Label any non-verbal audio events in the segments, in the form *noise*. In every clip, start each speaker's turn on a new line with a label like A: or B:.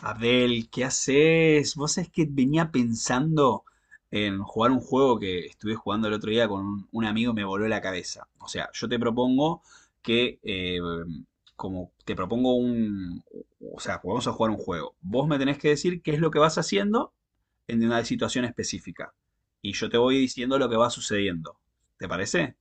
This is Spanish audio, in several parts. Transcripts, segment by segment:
A: Abdel, ¿qué haces? Vos sabés que venía pensando en jugar un juego que estuve jugando el otro día con un amigo y me voló la cabeza. O sea, yo te propongo que, como te propongo un, o sea, vamos a jugar un juego. Vos me tenés que decir qué es lo que vas haciendo en una situación específica. Y yo te voy diciendo lo que va sucediendo. ¿Te parece?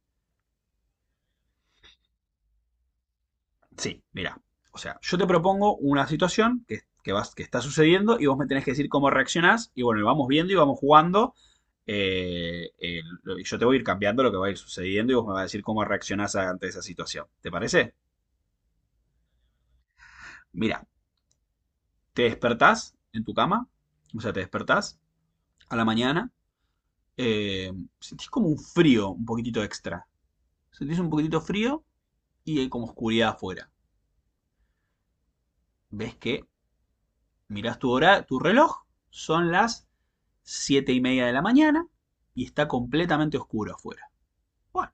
A: Sí, mira. O sea, yo te propongo una situación que está sucediendo y vos me tenés que decir cómo reaccionás. Y bueno, vamos viendo y vamos jugando. Y yo te voy a ir cambiando lo que va a ir sucediendo y vos me vas a decir cómo reaccionás ante esa situación. ¿Te parece? Mira, te despertás en tu cama. O sea, te despertás a la mañana. eh, sentís como un frío, un poquitito extra. Sentís un poquitito frío y hay como oscuridad afuera. Ves que mirás tu hora, tu reloj. Son las 7:30 de la mañana y está completamente oscuro afuera. Bueno,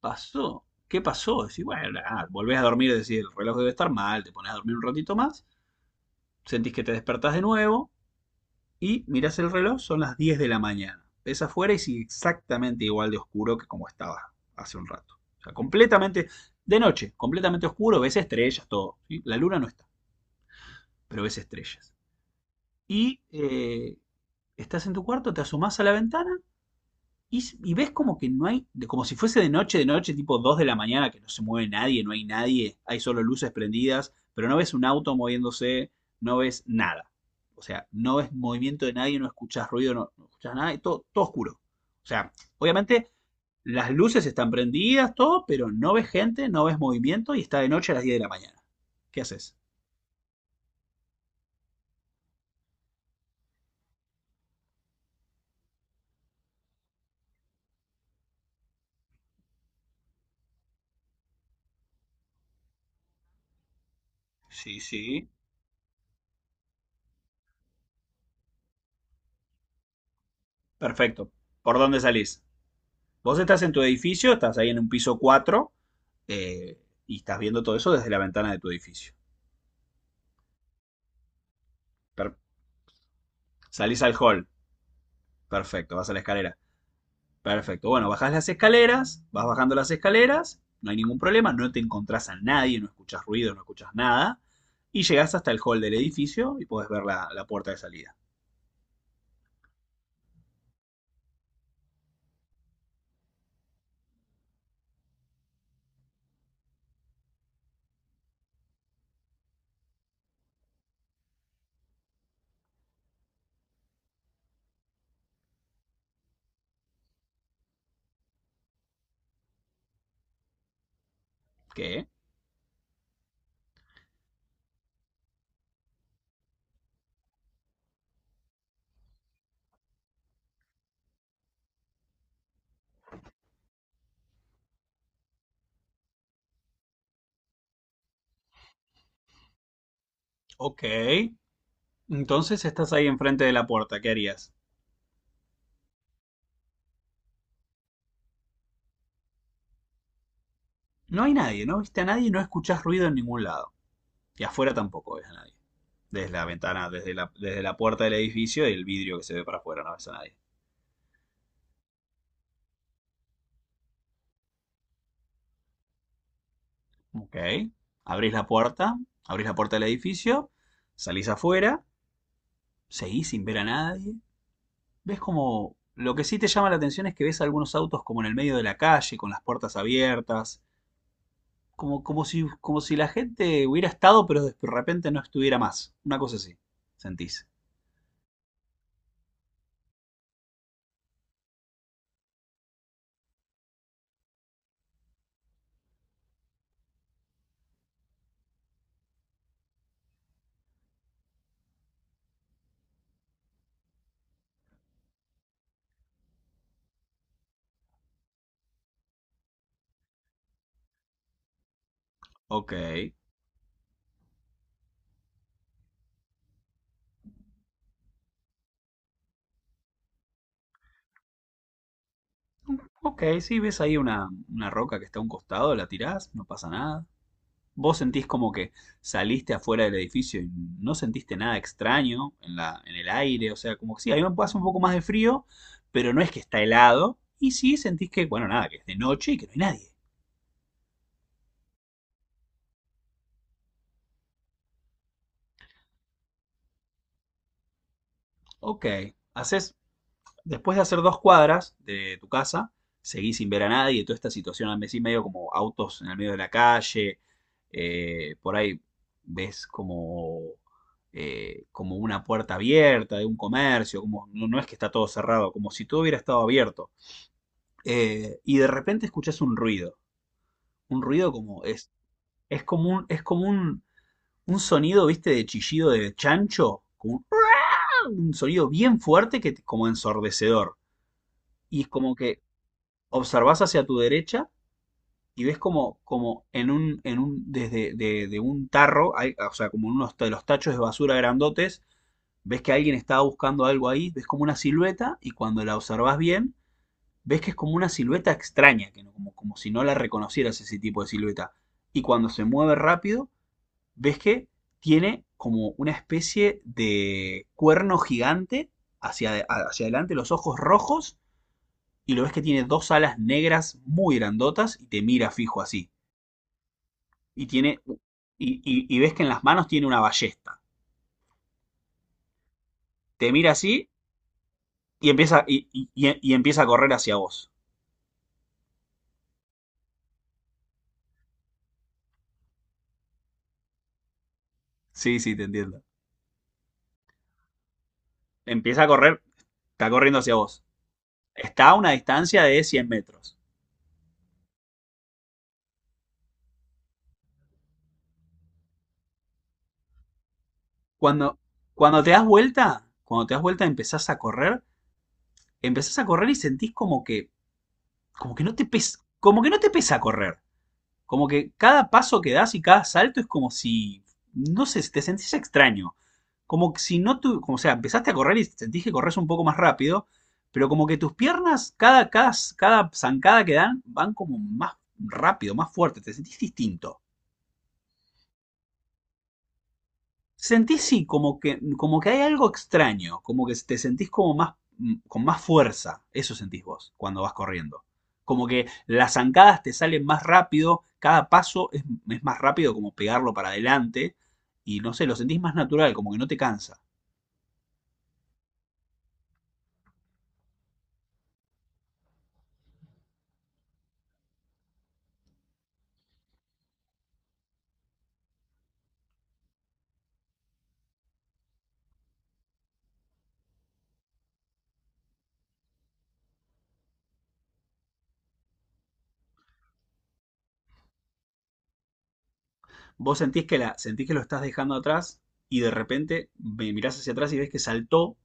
A: pasó. ¿Qué pasó? Decís, bueno, nada, volvés a dormir, decís, el reloj debe estar mal, te pones a dormir un ratito más, sentís que te despertás de nuevo y mirás el reloj, son las 10 de la mañana. Ves afuera y sigue exactamente igual de oscuro que como estaba hace un rato. O sea, completamente de noche, completamente oscuro, ves estrellas, todo. ¿Sí? La luna no está, pero ves estrellas. Y estás en tu cuarto, te asomás a la ventana. Y ves como que no hay, de- como si fuese de noche, tipo 2 de la mañana, que no se mueve nadie, no hay nadie, hay solo luces prendidas, pero no ves un auto moviéndose, no ves nada. O sea, no ves movimiento de nadie, no escuchas ruido, no, no escuchas nada, y todo, todo oscuro. O sea, obviamente las luces están prendidas, todo, pero no ves gente, no ves movimiento y está de noche a las 10 de la mañana. ¿Qué haces? Sí, sí. Perfecto. ¿Por dónde salís? Vos estás en tu edificio, estás ahí en un piso 4 eh, y estás viendo todo eso desde la ventana de tu edificio. Per- Salís al hall, perfecto, vas a la escalera, perfecto. Bueno, bajás las escaleras, vas bajando las escaleras, no hay ningún problema, no te encontrás a nadie, no escuchas ruido, no escuchas nada, y llegás hasta el hall del edificio y podés ver la puerta de salida. ¿Qué? Ok. Entonces estás ahí enfrente de la puerta, ¿qué harías? No hay nadie, no viste a nadie, no escuchás ruido en ningún lado. Y afuera tampoco ves a nadie. Desde la ventana, desde la puerta del edificio y el vidrio que se ve para afuera, no ves a nadie. Ok. Abrís la puerta, abrís la puerta del edificio, salís afuera, seguís sin ver a nadie. Ves como... Lo que sí te llama la atención es que ves algunos autos como en el medio de la calle, con las puertas abiertas, como, como si la gente hubiera estado, pero de repente no estuviera más. Una cosa así, sentís. Ok. Ok, sí, ves ahí una roca que está a un costado, la tirás, no pasa nada. Vos sentís como que saliste afuera del edificio y no sentiste nada extraño en el aire, o sea, como que sí, a mí me pasa un poco más de frío, pero no es que está helado, y sí sentís que, bueno, nada, que es de noche y que no hay nadie. Ok, haces. Después de hacer 2 cuadras de tu casa, seguís sin ver a nadie, toda esta situación al mes y medio, como autos en el medio de la calle, por ahí ves como, como una puerta abierta de un comercio, como no, no es que está todo cerrado, como si todo hubiera estado abierto. Y de repente escuchás un ruido es como un sonido, viste, de chillido de chancho, como un sonido bien fuerte que como ensordecedor. Y es como que observás hacia tu derecha y ves como, como en un, desde de un tarro, o sea, como en unos de los tachos de basura grandotes, ves que alguien estaba buscando algo ahí, ves como una silueta y cuando la observás bien, ves que es como una silueta extraña, que no- como, como si no la reconocieras ese tipo de silueta. Y cuando se mueve rápido, ves que tiene como una especie de cuerno gigante hacia, hacia adelante, los ojos rojos y lo ves que tiene dos alas negras muy grandotas y te mira fijo así. Y tiene. Y ves que en las manos tiene una ballesta. Te mira así y empieza a correr hacia vos. Sí, sí, te entiendo. Empieza a correr, está corriendo hacia vos. Está a una distancia de 100 metros. Cuando, cuando te das vuelta, cuando te das vuelta empezás a correr y sentís como que no te pesa, como que no te pesa correr. Como que cada paso que das y cada salto es como si, no sé, te sentís extraño. Como que si no tú, como o sea, empezaste a correr y sentís que corres un poco más rápido, pero como que tus piernas, cada zancada que dan, van como más rápido, más fuerte, te sentís distinto. Sentís sí, como que hay algo extraño, como que te sentís como más, con más fuerza, eso sentís vos cuando vas corriendo. Como que las zancadas te salen más rápido, cada paso es más rápido como pegarlo para adelante y no sé, lo sentís más natural, como que no te cansa. Vos sentís que, la, sentís que lo estás dejando atrás y de repente me mirás hacia atrás y ves que saltó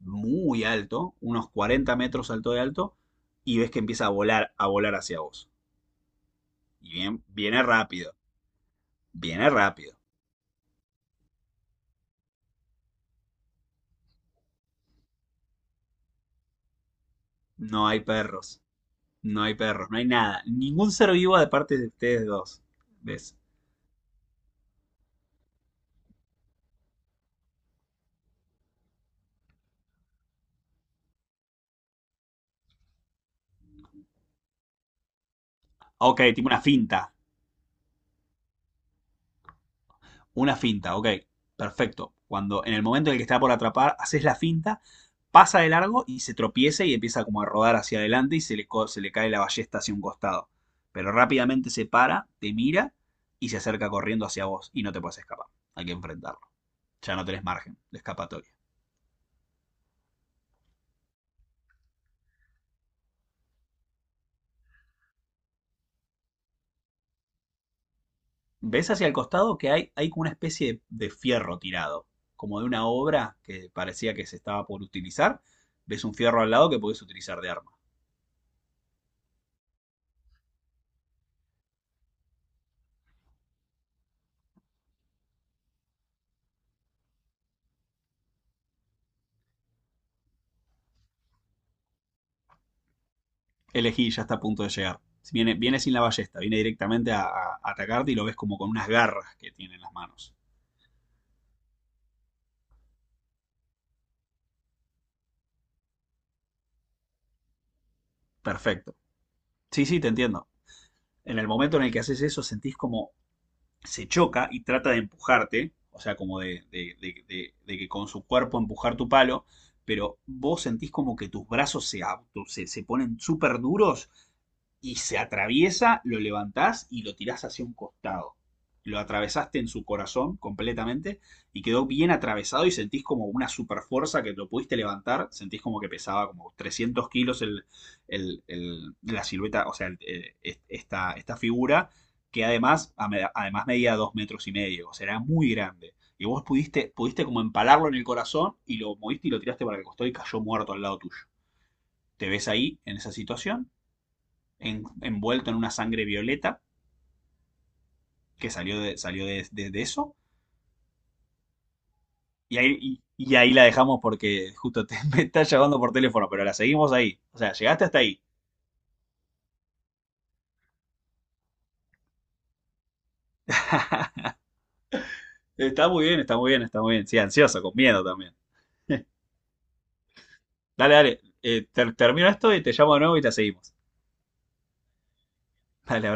A: muy alto, unos 40 metros saltó de alto y ves que empieza a volar hacia vos. Y bien, viene rápido. Viene rápido. No hay perros. No hay perros. No hay nada. Ningún ser vivo de parte de ustedes dos. ¿Ves? Ok, tipo una finta. Una finta, ok. Perfecto. Cuando en el momento en el que está por atrapar, haces la finta, pasa de largo y se tropieza y empieza como a rodar hacia adelante y se le, se le cae la ballesta hacia un costado. Pero rápidamente se para, te mira y se acerca corriendo hacia vos y no te puedes escapar. Hay que enfrentarlo. Ya no tenés margen de escapatoria. Ves hacia el costado que hay como una especie de fierro tirado, como de una obra que parecía que se estaba por utilizar. Ves un fierro al lado que podés utilizar de arma. Elegí, ya está a punto de llegar. Viene, viene sin la ballesta, viene directamente a atacarte y lo ves como con unas garras que tiene en las manos. Perfecto. Sí, sí, te entiendo. En el momento en el que haces eso, sentís como se choca y trata de empujarte, o sea, como de, de que con su cuerpo empujar tu palo, pero vos sentís como que tus brazos se ponen súper duros y se atraviesa, lo levantás y lo tirás hacia un costado. Lo atravesaste en su corazón completamente y quedó bien atravesado y sentís como una super fuerza que lo pudiste levantar. Sentís como que pesaba como 300 kilos el, la silueta, o sea, esta figura que además, además medía 2 metros y medio. O sea, era muy grande. Y vos pudiste, pudiste como empalarlo en el corazón y lo moviste y lo tiraste para el costado y cayó muerto al lado tuyo. Te ves ahí en esa situación envuelto en una sangre violeta que salió de eso. Y ahí la dejamos porque justo te, *laughs* me está llamando por teléfono, pero la seguimos ahí. O sea, llegaste hasta ahí. *laughs* Está muy bien, está muy bien, está muy bien. Sí, ansioso, con miedo también. Dale, dale. Termino esto y te llamo de nuevo y la seguimos. Dale, abrazo.